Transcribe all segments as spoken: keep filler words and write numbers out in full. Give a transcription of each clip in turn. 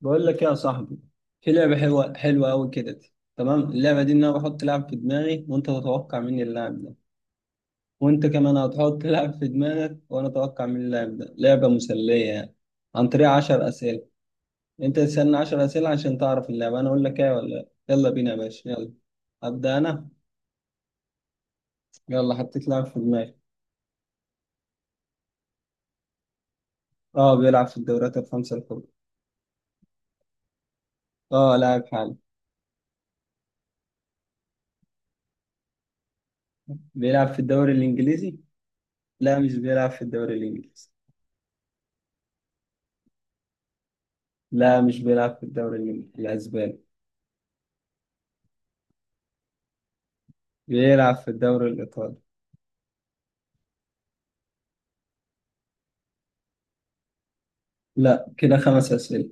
بقول لك يا صاحبي، في لعبة حلوة حلوة أوي كده. تمام، اللعبة دي إن أنا بحط لاعب في دماغي وأنت تتوقع مين اللاعب ده، وأنت كمان هتحط لاعب في دماغك وأنا أتوقع مين اللاعب ده. لعبة مسلية يعني، عن طريق عشر أسئلة. أنت تسألني عشر أسئلة عشان تعرف اللعبة أنا أقول لك إيه ولا لأ. يلا بينا يا باشا، يلا. أبدأ أنا. يلا حطيت لاعب في دماغي. أه بيلعب في الدوريات الخمسة الكبرى. أه لاعب حالي. بيلعب في الدوري الإنجليزي. لا مش بيلعب في الدوري الإنجليزي. لا مش بيلعب في الدوري الإنجليزي الأسباني. بيلعب في الدوري الإيطالي. لا، كده خمس أسئلة.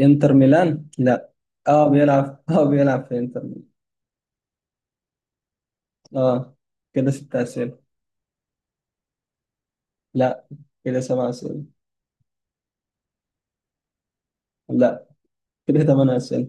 إنتر ميلان لا. اه بيلعب اه بيلعب في إنتر ميلان. اه، كده ست أسئلة. لا، كده سبع أسئلة. لا، كده ثمان أسئلة.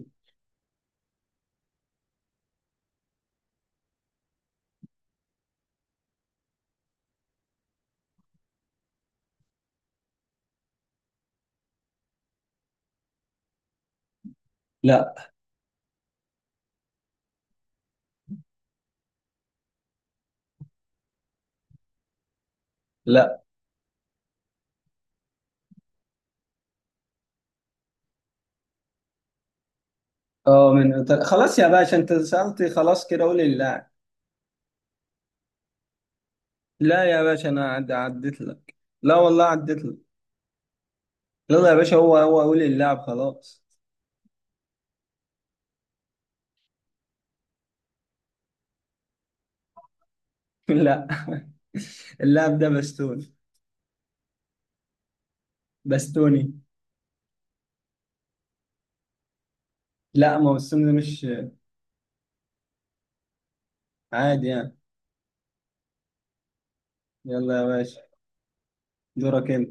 لا. لا. اه من إيطاليا، خلاص يا باشا أنت سألتي خلاص كده قولي اللاعب. لا يا باشا، أنا عد... عديت لك. لا والله عديت لك. يلا يا باشا، هو هو قولي اللاعب خلاص. لا. اللاعب ده بستوني. بستوني. لا، ما هو بستوني ده مش عادي يعني. يلا يا باشا، دورك انت.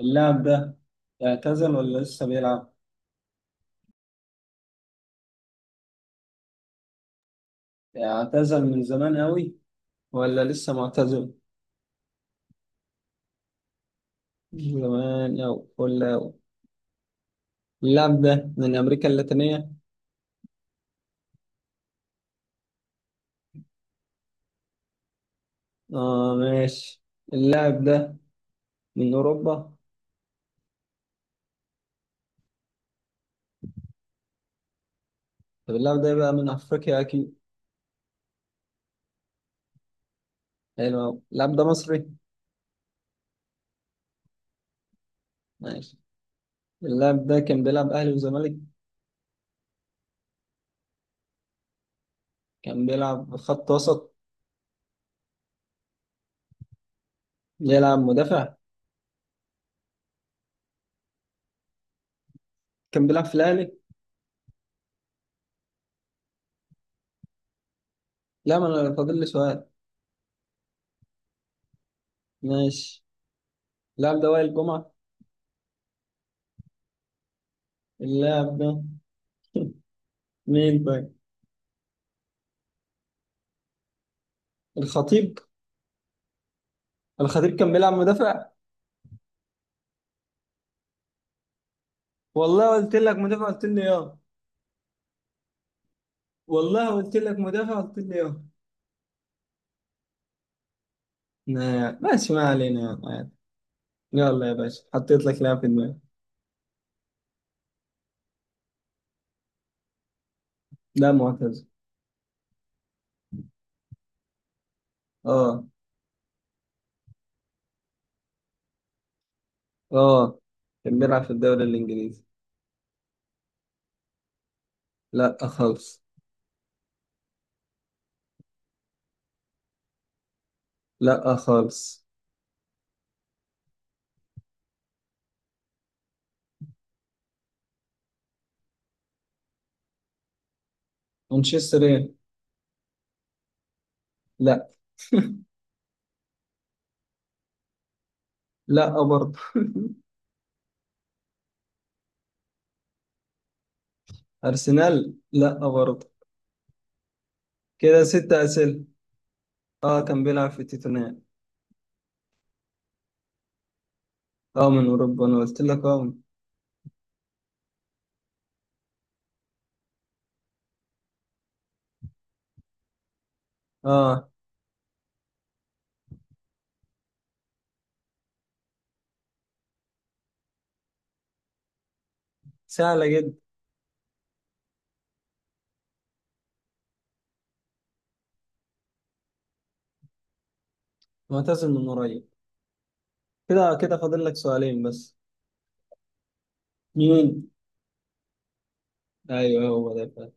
اللاعب ده اعتزل ولا لسه بيلعب؟ اعتزل من زمان أوي ولا لسه معتزل؟ من زمان أوي ولا أوي. اللاعب ده من أمريكا اللاتينية؟ آه ماشي. اللاعب ده من أوروبا؟ طب اللاعب ده يبقى من أفريقيا أكيد. حلو أوي، اللاعب ده مصري؟ ماشي. اللاعب ده كان بيلعب أهلي وزمالك؟ كان بيلعب خط وسط؟ بيلعب مدافع؟ كان بيلعب في الأهلي؟ لا ما أنا فاضل لي سؤال. ماشي. اللاعب ده وائل جمعة؟ اللاعب ده مين طيب؟ الخطيب. الخطيب كان بيلعب مدافع. والله قلت لك مدافع قلت لي اه. والله قلت لك مدافع قلت لي اه. نا- ماشي، ما علينا يلا عادي. يلا يا باشا حطيت لك لاعب في دماغي. لا معتز. اه. اه كان بيلعب في الدوري الانجليزي. لا خالص. لا خالص. مانشستر ايه. لا. لا برضه. ارسنال لا برضه. كده ستة اسئله. اه كان بيلعب في توتنهام. اه من اوروبا، انا قلت لك اه. اه. سهله جدا. معتزل من قريب. كده كده فاضل لك سؤالين بس. مين؟ ايوه هو ده فعلا.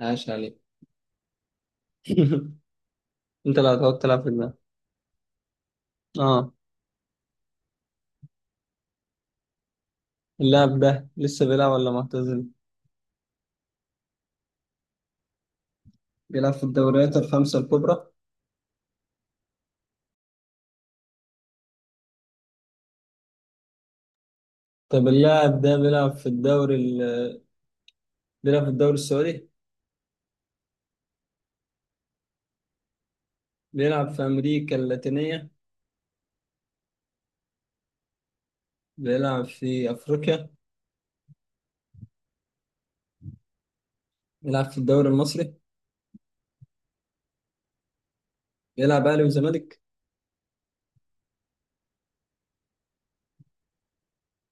عاش عليك. انت اللي هتقعد تلعب في ده. اه. اللاعب ده لسه بيلعب ولا معتزل؟ بيلعب في الدوريات الخمسة الكبرى. طب اللاعب ده بيلعب في الدوري ال... بيلعب في الدوري السعودي. بيلعب في أمريكا اللاتينية. بيلعب في أفريقيا. بيلعب في الدوري المصري. بيلعب أهلي وزمالك.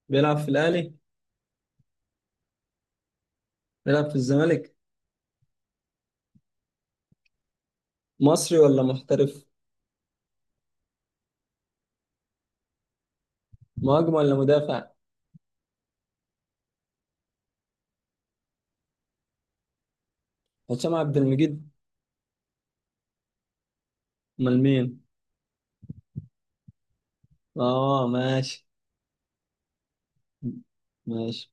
بيلعب في الأهلي. بيلعب في الزمالك. مصري ولا محترف. مهاجم ولا مدافع. هشام عبد المجيد. أمال مين؟ اه ماشي. ماشي.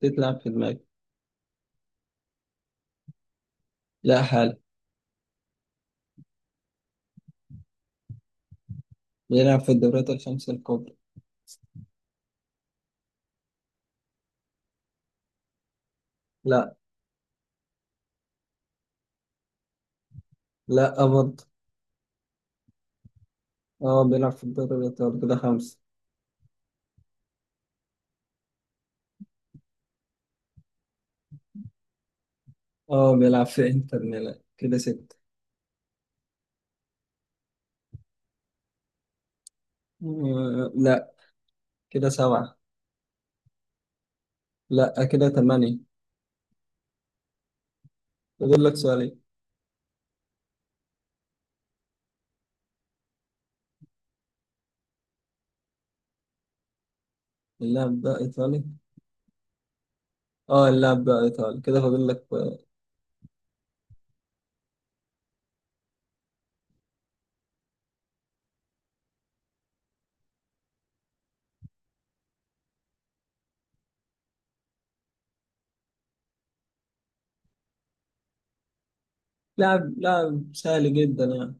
تتلعب في دماغي. لا حال. بيلعب في الدوريات الخمسة الكبرى. لا. لا برضه. اه بيلعب في الدوري الإيطالي، كده خمسة. اه بيلعب في انتر ميلان، كده ستة. آه لا، كده سبعة. لا، كده ثمانية. فاضل لك سؤالين. اللاعب ده إيطالي. اه اللاعب ده إيطالي، كده فاضل لك آه، لاعب لاعب سهل جدا يعني.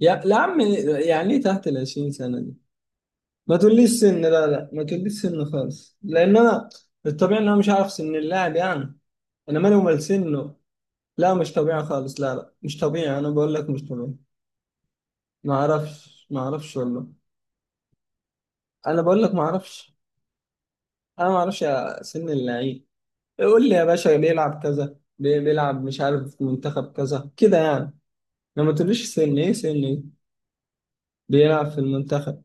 يا يا عم، يعني ايه تحت ال عشرين سنة دي؟ ما تقوليش سن، لا لا ما تقوليش سن خالص، لان انا الطبيعي ان انا مش عارف سن اللاعب يعني. انا مالي ومال سنه. لا مش طبيعي خالص، لا لا مش طبيعي، انا بقول لك مش طبيعي. ما اعرفش ما اعرفش والله. انا بقول لك ما اعرفش. انا ما اعرفش يا سن اللعيب. قول لي يا باشا بيلعب كذا، بي- بيلعب مش عارف في منتخب كذا كده يعني. لما تقوليش سن ايه سن ايه. بيلعب في المنتخب.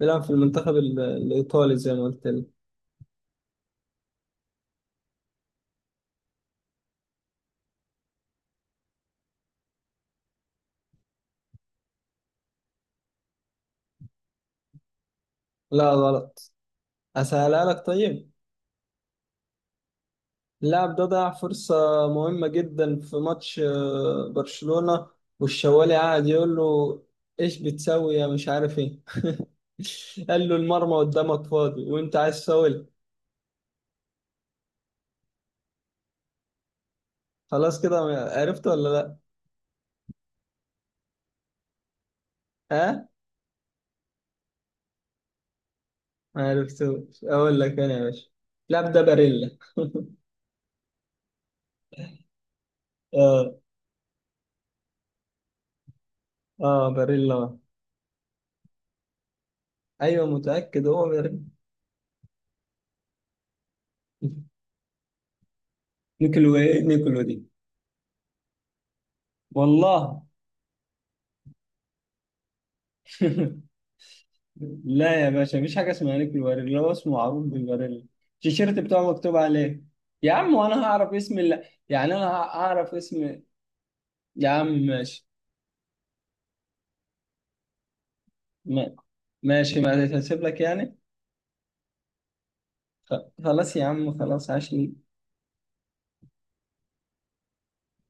بيلعب في المنتخب ال- الايطالي زي ما قلت لك. لا. غلط. اسهلها لك طيب. اللاعب ده ضيع فرصة مهمة جدا في ماتش آه، برشلونة، والشوالي قاعد يقول له: ايش بتسوي يا مش عارف ايه. قال له المرمى قدامك فاضي وانت عايز فاول. خلاص كده، عرفت ولا لا؟ ها؟ ما عرفتوش، اقول لك انا يا باشا، اللاعب ده باريلا. اه. اه باريلا. ايوه متأكد هو باريلا. نيكولو ايه نيكولو دي. والله. لا يا باشا، مفيش حاجة اسمها نيك الباريلا، هو اسمه معروف بالباريلا. التيشيرت بتاعه مكتوب عليه. يا عم وانا هعرف اسم اللي... يعني انا هعرف اسم. يا عم ماشي. ما- ماشي ما هسيب لك يعني. خ- خلاص يا عم خلاص عاش.